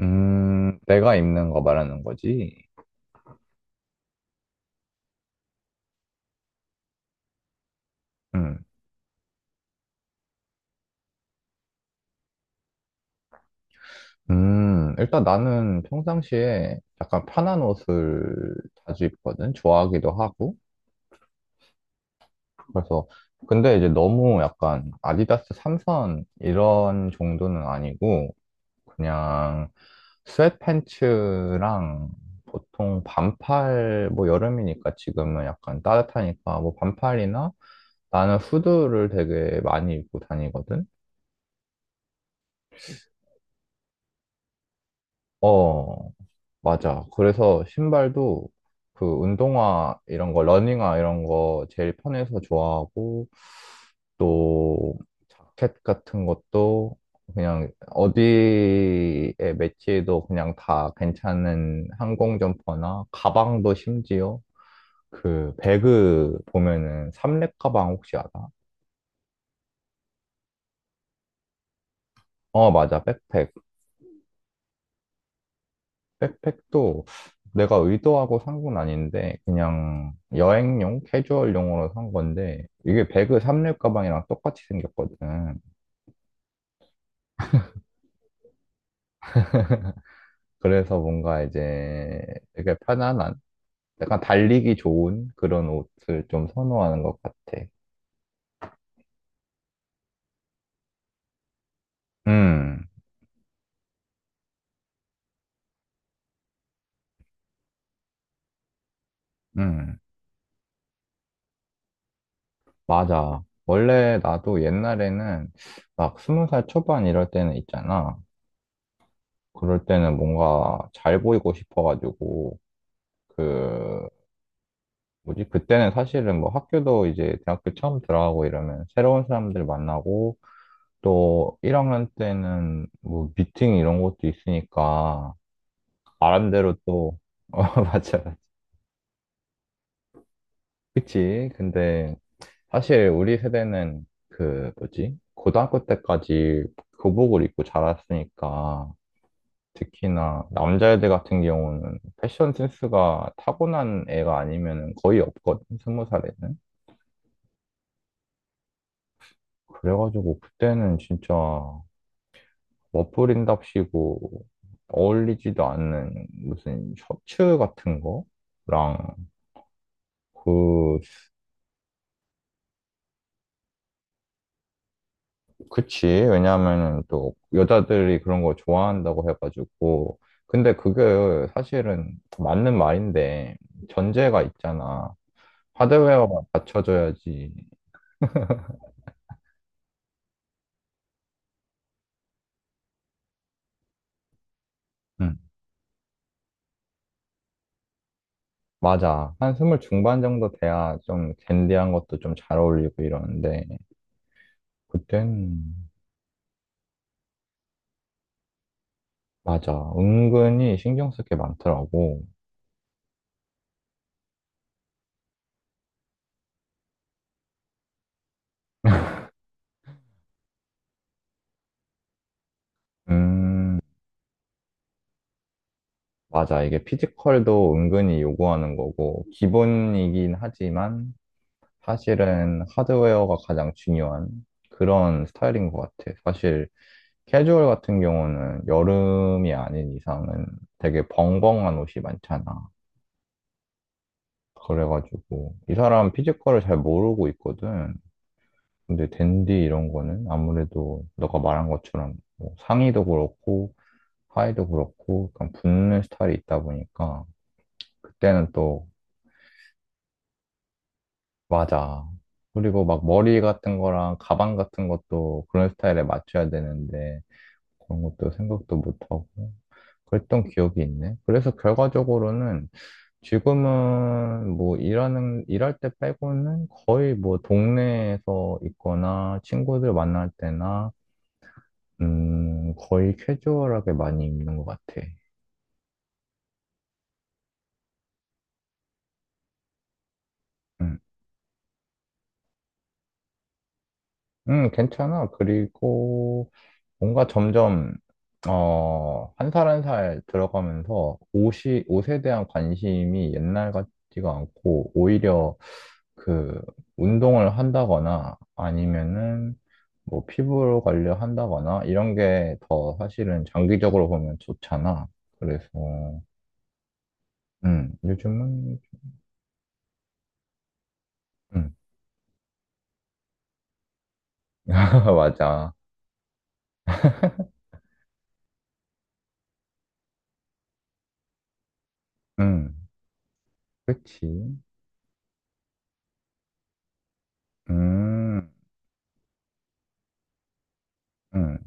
내가 입는 거 말하는 거지. 음, 일단 나는 평상시에 약간 편한 옷을 자주 입거든. 좋아하기도 하고. 그래서, 근데 이제 너무 약간 아디다스 3선 이런 정도는 아니고, 그냥 스웨트팬츠랑 보통 반팔, 뭐 여름이니까 지금은 약간 따뜻하니까 뭐 반팔이나 나는 후드를 되게 많이 입고 다니거든. 어, 맞아. 그래서 신발도 그 운동화 이런 거, 러닝화 이런 거 제일 편해서 좋아하고 또 자켓 같은 것도 그냥 어디에 매치해도 그냥 다 괜찮은 항공 점퍼나 가방도 심지어 그 배그 보면은 삼렙 가방 혹시 알아? 어, 맞아. 백팩. 백팩도 내가 의도하고 산 건 아닌데 그냥 여행용 캐주얼용으로 산 건데 이게 배그 삼립 가방이랑 똑같이 생겼거든. 그래서 뭔가 이제 되게 편안한 약간 달리기 좋은 그런 옷을 좀 선호하는 것 같아. 음, 음, 맞아. 원래 나도 옛날에는 막 20살 초반 이럴 때는 있잖아. 그럴 때는 뭔가 잘 보이고 싶어가지고, 그, 뭐지? 그때는 사실은 뭐 학교도 이제 대학교 처음 들어가고 이러면 새로운 사람들 만나고 또 1학년 때는 뭐 미팅 이런 것도 있으니까 나름대로 또, 어, 맞아, 맞아. 그치? 근데 사실 우리 세대는 그 뭐지? 고등학교 때까지 교복을 입고 자랐으니까 특히나 남자애들 같은 경우는 패션 센스가 타고난 애가 아니면 거의 없거든, 20살에는. 그래가지고 그때는 진짜 머플인답시고 어울리지도 않는 무슨 셔츠 같은 거랑 그. 그치? 왜냐하면은 또 여자들이 그런 거 좋아한다고 해가지고. 근데 그게 사실은 맞는 말인데 전제가 있잖아. 하드웨어가 받쳐줘야지. 응. 맞아, 한 스물 중반 정도 돼야 좀 댄디한 것도 좀 잘 어울리고 이러는데 그땐, 맞아, 은근히 신경 쓸 게 많더라고. 음, 맞아. 이게 피지컬도 은근히 요구하는 거고, 기본이긴 하지만, 사실은 하드웨어가 가장 중요한 그런 스타일인 것 같아. 사실, 캐주얼 같은 경우는 여름이 아닌 이상은 되게 벙벙한 옷이 많잖아. 그래가지고, 이 사람 피지컬을 잘 모르고 있거든. 근데 댄디 이런 거는 아무래도 너가 말한 것처럼 뭐 상의도 그렇고, 하의도 그렇고, 약간 붙는 스타일이 있다 보니까, 그때는 또 맞아. 그리고 막 머리 같은 거랑 가방 같은 것도 그런 스타일에 맞춰야 되는데 그런 것도 생각도 못하고 그랬던 기억이 있네. 그래서 결과적으로는 지금은 뭐 일하는, 일할 때 빼고는 거의 뭐 동네에서 있거나 친구들 만날 때나 거의 캐주얼하게 많이 입는 것 같아. 응, 응, 괜찮아. 그리고 뭔가 점점, 어, 한 살 한 살 들어가면서 옷이, 옷에 대한 관심이 옛날 같지가 않고, 오히려 그, 운동을 한다거나, 아니면은, 뭐, 피부 관리 한다거나, 이런 게 더 사실은 장기적으로 보면 좋잖아. 그래서, 요즘은, 음, 맞아. 음, 그치. 음, 음,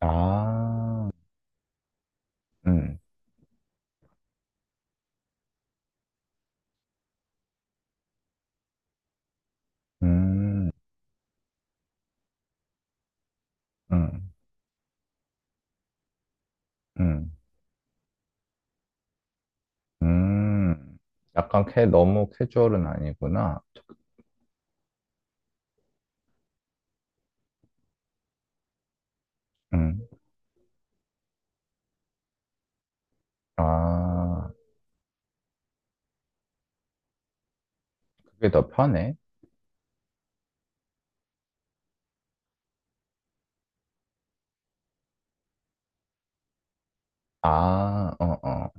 아, 음, 음, 음, 음. 음, 약간 너무 캐주얼은 아니구나. 음, 아, 그게 더 편해? 아, 어, 어.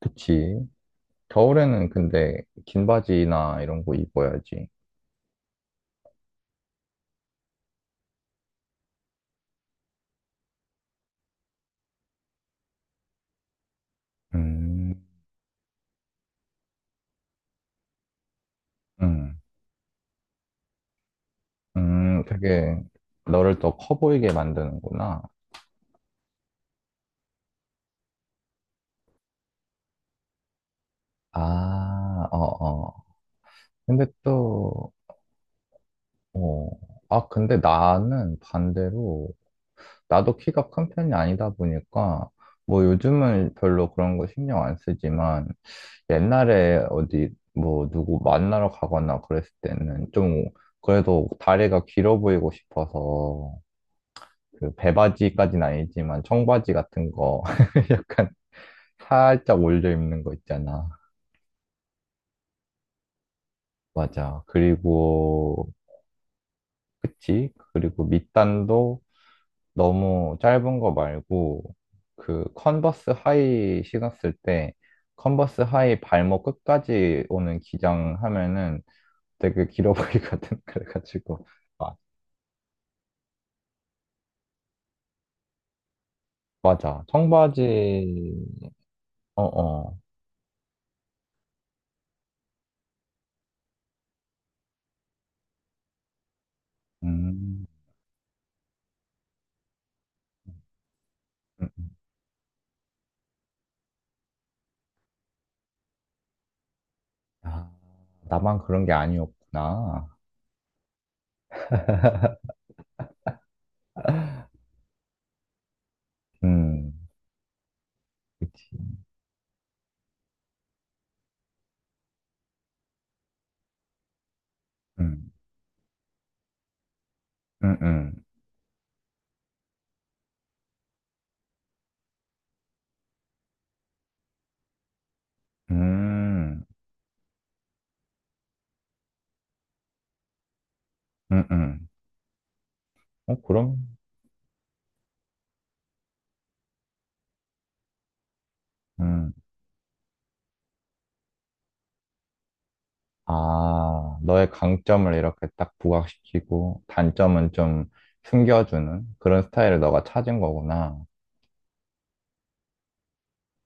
그치. 겨울에는 근데 긴 바지나 이런 거 입어야지. 음, 음, 되게 너를 더 커 보이게 만드는구나. 아, 어, 어. 근데 또, 어. 아, 근데 나는 반대로, 나도 키가 큰 편이 아니다 보니까, 뭐 요즘은 별로 그런 거 신경 안 쓰지만, 옛날에 어디 뭐 누구 만나러 가거나 그랬을 때는 좀 그래도 다리가 길어 보이고 싶어서 그 배바지까지는 아니지만 청바지 같은 거 약간 살짝 올려 입는 거 있잖아. 맞아. 그리고 그치? 그리고 밑단도 너무 짧은 거 말고 그 컨버스 하이 신었을 때 컨버스 하이 발목 끝까지 오는 기장 하면은 되게 길어 보이거든. 그래가지고. 아, 맞아. 청바지, 어, 어. 음, 음, 음. 아, 나만 그런 게 아니었구나. 음, 그치. 음, 음, 음, 음, 음, 음. 어, 그럼, 음. 아, 너의 강점을 이렇게 딱 부각시키고, 단점은 좀 숨겨주는 그런 스타일을 너가 찾은 거구나.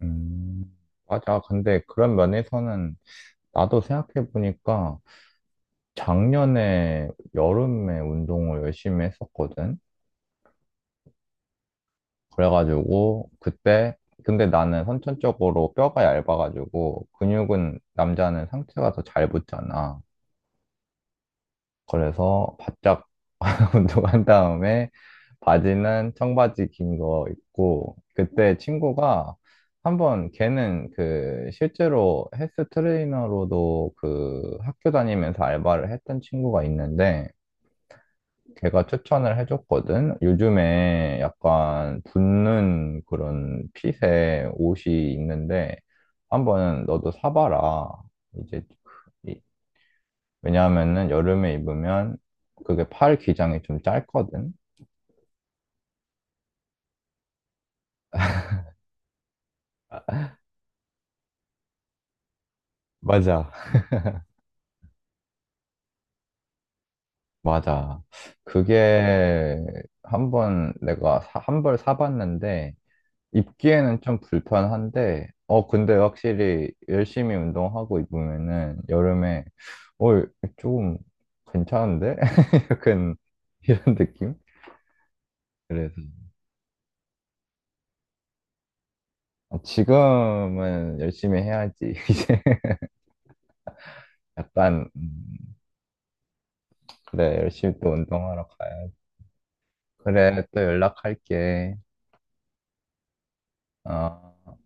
음, 맞아. 근데 그런 면에서는 나도 생각해보니까 작년에 여름에 운동을 열심히 했었거든. 그래가지고 그때, 근데 나는 선천적으로 뼈가 얇아가지고 근육은 남자는 상체가 더 잘 붙잖아. 그래서 바짝 운동한 다음에 바지는 청바지 긴 거 입고 그때 친구가 한번 걔는 그 실제로 헬스 트레이너로도 그 학교 다니면서 알바를 했던 친구가 있는데 걔가 추천을 해줬거든. 요즘에 약간 붙는 그런 핏의 옷이 있는데 한번 너도 사봐라. 이제 그- 이- 왜냐하면은 여름에 입으면 그게 팔 기장이 좀 짧거든. 맞아. 맞아. 그게 한번 내가 한 벌 사봤는데 입기에는 좀 불편한데, 어, 근데 확실히 열심히 운동하고 입으면은 여름에, 어, 조금 괜찮은데? 약간 이런 느낌? 그래서 아, 지금은 열심히 해야지. 이제 약간, 그래, 열심히 또 운동하러 가야. 그래, 또 연락할게. 어.